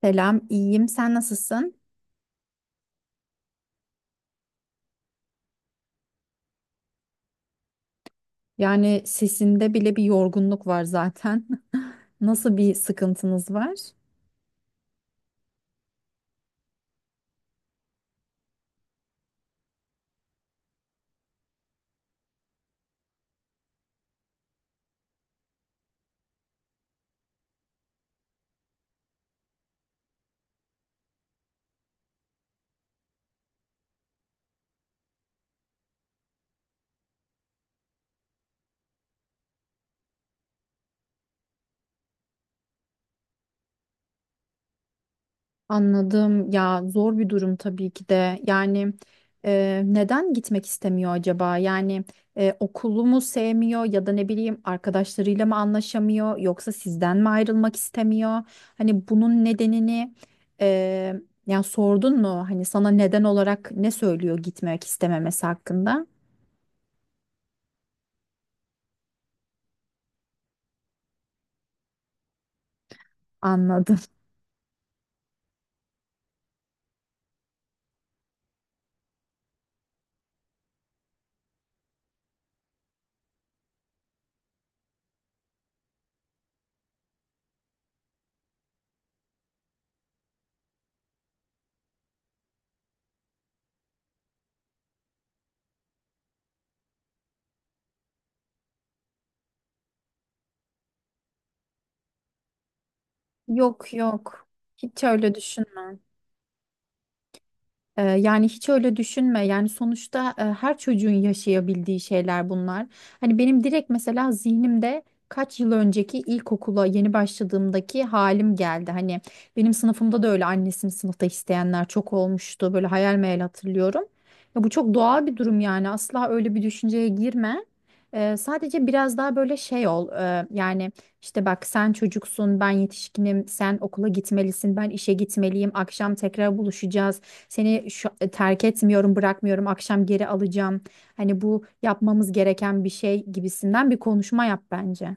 Selam, iyiyim. Sen nasılsın? Yani sesinde bile bir yorgunluk var zaten. Nasıl bir sıkıntınız var? Anladım. Ya zor bir durum tabii ki de. Yani neden gitmek istemiyor acaba? Yani okulu mu sevmiyor ya da ne bileyim arkadaşlarıyla mı anlaşamıyor yoksa sizden mi ayrılmak istemiyor? Hani bunun nedenini e, yani sordun mu? Hani sana neden olarak ne söylüyor gitmek istememesi hakkında? Anladım. Yok, yok. Hiç öyle düşün. Yani hiç öyle düşünme. Yani sonuçta her çocuğun yaşayabildiği şeyler bunlar. Hani benim direkt mesela zihnimde kaç yıl önceki ilkokula yeni başladığımdaki halim geldi. Hani benim sınıfımda da öyle annesini sınıfta isteyenler çok olmuştu. Böyle hayal meyal hatırlıyorum. Ya bu çok doğal bir durum yani. Asla öyle bir düşünceye girme. Sadece biraz daha böyle şey ol. Yani işte bak, sen çocuksun, ben yetişkinim, sen okula gitmelisin, ben işe gitmeliyim, akşam tekrar buluşacağız. Seni terk etmiyorum, bırakmıyorum, akşam geri alacağım. Hani bu yapmamız gereken bir şey gibisinden bir konuşma yap bence.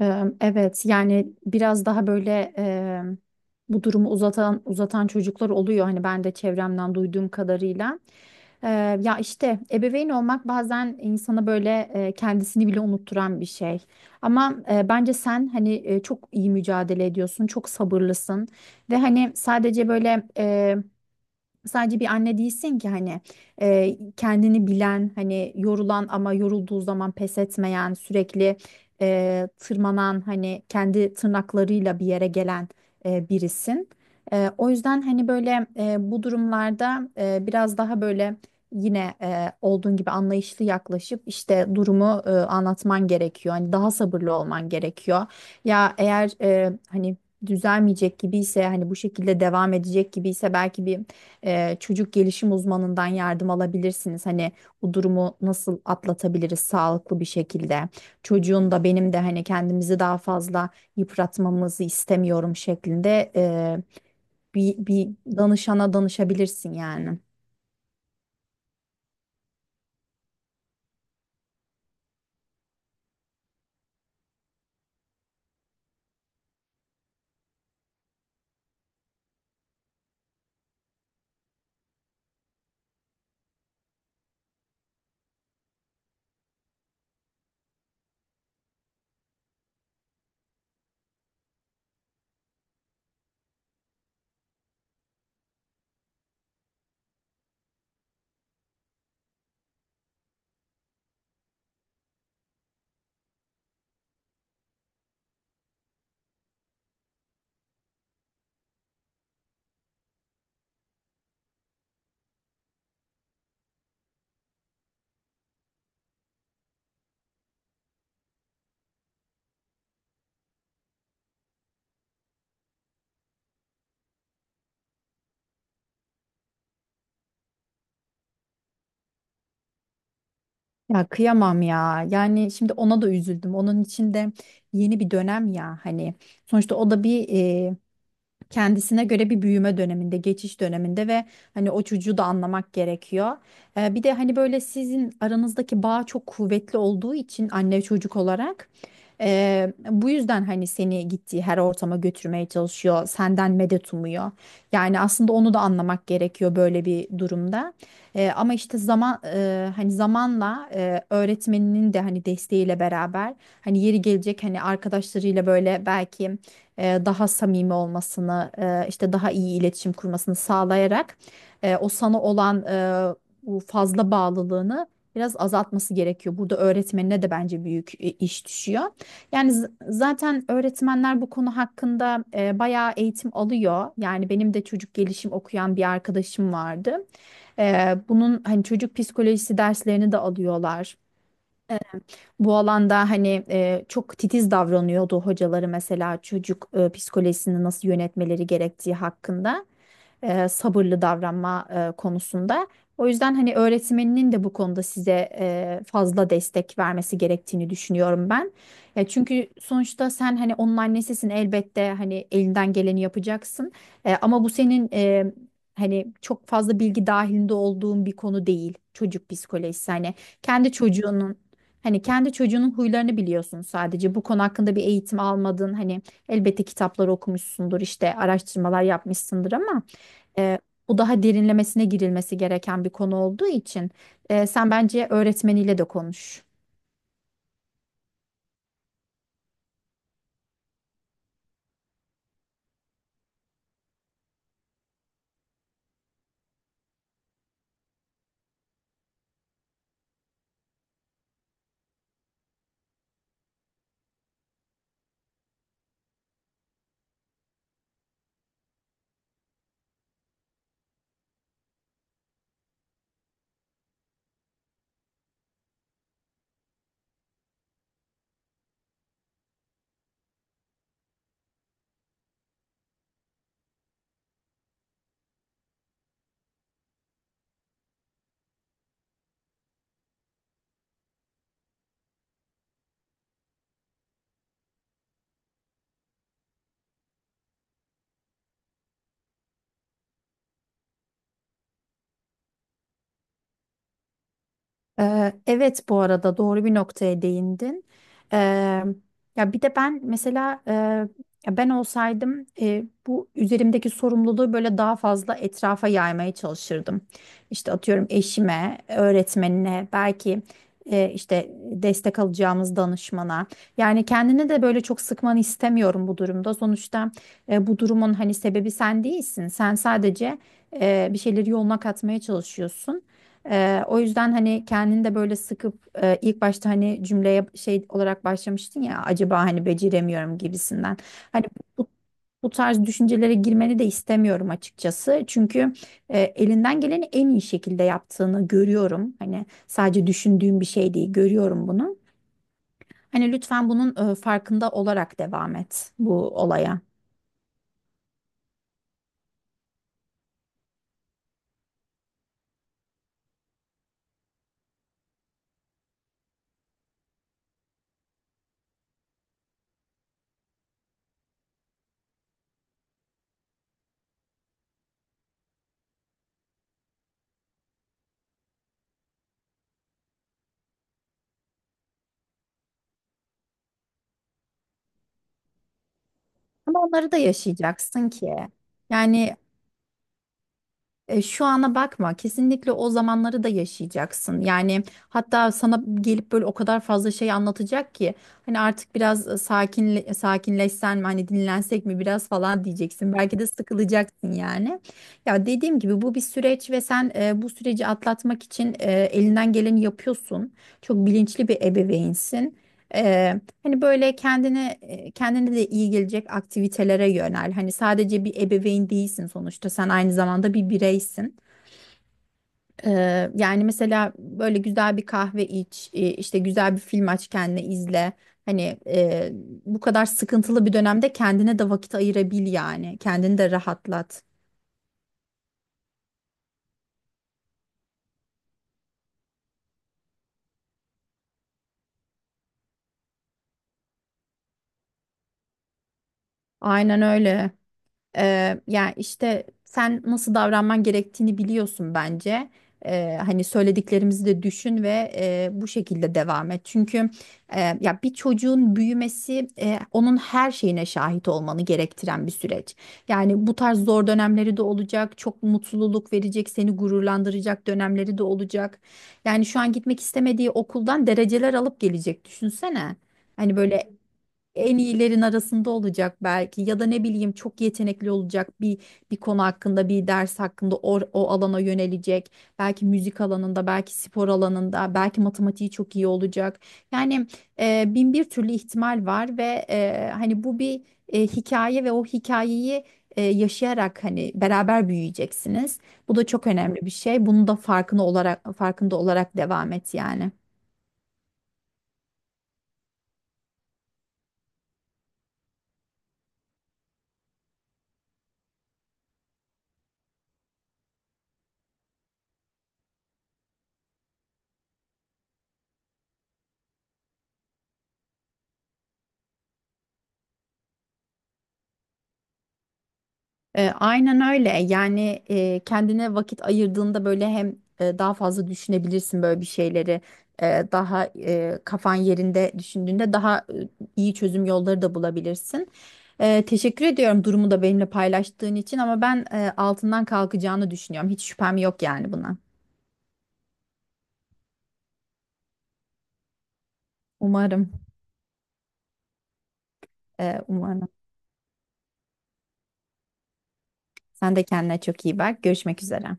Evet yani biraz daha böyle bu durumu uzatan uzatan çocuklar oluyor hani, ben de çevremden duyduğum kadarıyla. Ee, ya işte ebeveyn olmak bazen insana böyle kendisini bile unutturan bir şey. Ama bence sen hani çok iyi mücadele ediyorsun, çok sabırlısın ve hani sadece bir anne değilsin ki, hani kendini bilen, hani yorulan ama yorulduğu zaman pes etmeyen, sürekli tırmanan, hani kendi tırnaklarıyla bir yere gelen birisin. O yüzden hani böyle bu durumlarda biraz daha böyle yine olduğun gibi anlayışlı yaklaşıp işte durumu anlatman gerekiyor. Hani daha sabırlı olman gerekiyor. Ya eğer hani düzelmeyecek gibi ise, hani bu şekilde devam edecek gibi ise, belki bir çocuk gelişim uzmanından yardım alabilirsiniz. Hani bu durumu nasıl atlatabiliriz sağlıklı bir şekilde. Çocuğun da benim de hani kendimizi daha fazla yıpratmamızı istemiyorum şeklinde bir danışana danışabilirsin yani. Ya kıyamam ya. Yani şimdi ona da üzüldüm. Onun için de yeni bir dönem ya hani. Sonuçta o da bir kendisine göre bir büyüme döneminde, geçiş döneminde ve hani o çocuğu da anlamak gerekiyor. Bir de hani böyle sizin aranızdaki bağ çok kuvvetli olduğu için anne çocuk olarak bu yüzden hani seni gittiği her ortama götürmeye çalışıyor, senden medet umuyor. Yani aslında onu da anlamak gerekiyor böyle bir durumda. Ama işte zaman, hani zamanla öğretmeninin de hani desteğiyle beraber hani yeri gelecek, hani arkadaşlarıyla böyle belki daha samimi olmasını, işte daha iyi iletişim kurmasını sağlayarak o sana olan bu fazla bağlılığını biraz azaltması gerekiyor. Burada öğretmenine de bence büyük iş düşüyor. Yani zaten öğretmenler bu konu hakkında bayağı eğitim alıyor. Yani benim de çocuk gelişim okuyan bir arkadaşım vardı. Bunun hani çocuk psikolojisi derslerini de alıyorlar. Bu alanda hani çok titiz davranıyordu hocaları, mesela çocuk psikolojisini nasıl yönetmeleri gerektiği hakkında, sabırlı davranma konusunda. O yüzden hani öğretmeninin de bu konuda size fazla destek vermesi gerektiğini düşünüyorum ben. Ya çünkü sonuçta sen hani onun annesisin, elbette hani elinden geleni yapacaksın. Ama bu senin hani çok fazla bilgi dahilinde olduğun bir konu değil çocuk psikolojisi. Kendi çocuğunun Hani kendi çocuğunun huylarını biliyorsun sadece. Bu konu hakkında bir eğitim almadın. Hani elbette kitapları okumuşsundur, işte araştırmalar yapmışsındır ama e, bu daha derinlemesine girilmesi gereken bir konu olduğu için sen bence öğretmeniyle de konuş. Evet, bu arada doğru bir noktaya değindin. Ee, ya bir de ben mesela ya ben olsaydım bu üzerimdeki sorumluluğu böyle daha fazla etrafa yaymaya çalışırdım. İşte atıyorum, eşime, öğretmenine, belki işte destek alacağımız danışmana. Yani kendini de böyle çok sıkmanı istemiyorum bu durumda. Sonuçta bu durumun hani sebebi sen değilsin. Sen sadece bir şeyleri yoluna katmaya çalışıyorsun. O yüzden hani kendini de böyle sıkıp ilk başta hani cümleye şey olarak başlamıştın ya, acaba hani beceremiyorum gibisinden. Hani bu, bu tarz düşüncelere girmeni de istemiyorum açıkçası. Çünkü elinden geleni en iyi şekilde yaptığını görüyorum. Hani sadece düşündüğüm bir şey değil, görüyorum bunu. Hani lütfen bunun farkında olarak devam et bu olaya. Ama onları da yaşayacaksın ki. Yani Şu ana bakma, kesinlikle o zamanları da yaşayacaksın. Yani hatta sana gelip böyle o kadar fazla şey anlatacak ki hani artık biraz sakinleşsen mi hani, dinlensek mi biraz falan diyeceksin. Belki de sıkılacaksın yani. Ya dediğim gibi, bu bir süreç ve sen bu süreci atlatmak için elinden geleni yapıyorsun. Çok bilinçli bir ebeveynsin. E, Hani böyle kendine, kendine de iyi gelecek aktivitelere yönel. Hani sadece bir ebeveyn değilsin sonuçta. Sen aynı zamanda bir bireysin. Yani mesela böyle güzel bir kahve iç, işte güzel bir film aç kendine izle. Hani bu kadar sıkıntılı bir dönemde kendine de vakit ayırabil yani. Kendini de rahatlat. Aynen öyle. Yani işte sen nasıl davranman gerektiğini biliyorsun bence. Hani söylediklerimizi de düşün ve bu şekilde devam et. Çünkü ya bir çocuğun büyümesi onun her şeyine şahit olmanı gerektiren bir süreç. Yani bu tarz zor dönemleri de olacak, çok mutluluk verecek, seni gururlandıracak dönemleri de olacak. Yani şu an gitmek istemediği okuldan dereceler alıp gelecek, düşünsene. Hani böyle en iyilerin arasında olacak belki, ya da ne bileyim çok yetenekli olacak bir bir konu hakkında, bir ders hakkında o, o alana yönelecek, belki müzik alanında, belki spor alanında, belki matematiği çok iyi olacak, yani bin bir türlü ihtimal var ve hani bu bir hikaye ve o hikayeyi yaşayarak hani beraber büyüyeceksiniz. Bu da çok önemli bir şey, bunu da farkında olarak devam et yani. Aynen öyle. Yani kendine vakit ayırdığında böyle hem daha fazla düşünebilirsin böyle bir şeyleri. Daha kafan yerinde düşündüğünde daha iyi çözüm yolları da bulabilirsin. Teşekkür ediyorum durumu da benimle paylaştığın için ama ben altından kalkacağını düşünüyorum. Hiç şüphem yok yani buna. Umarım, umarım. Sen de kendine çok iyi bak. Görüşmek üzere.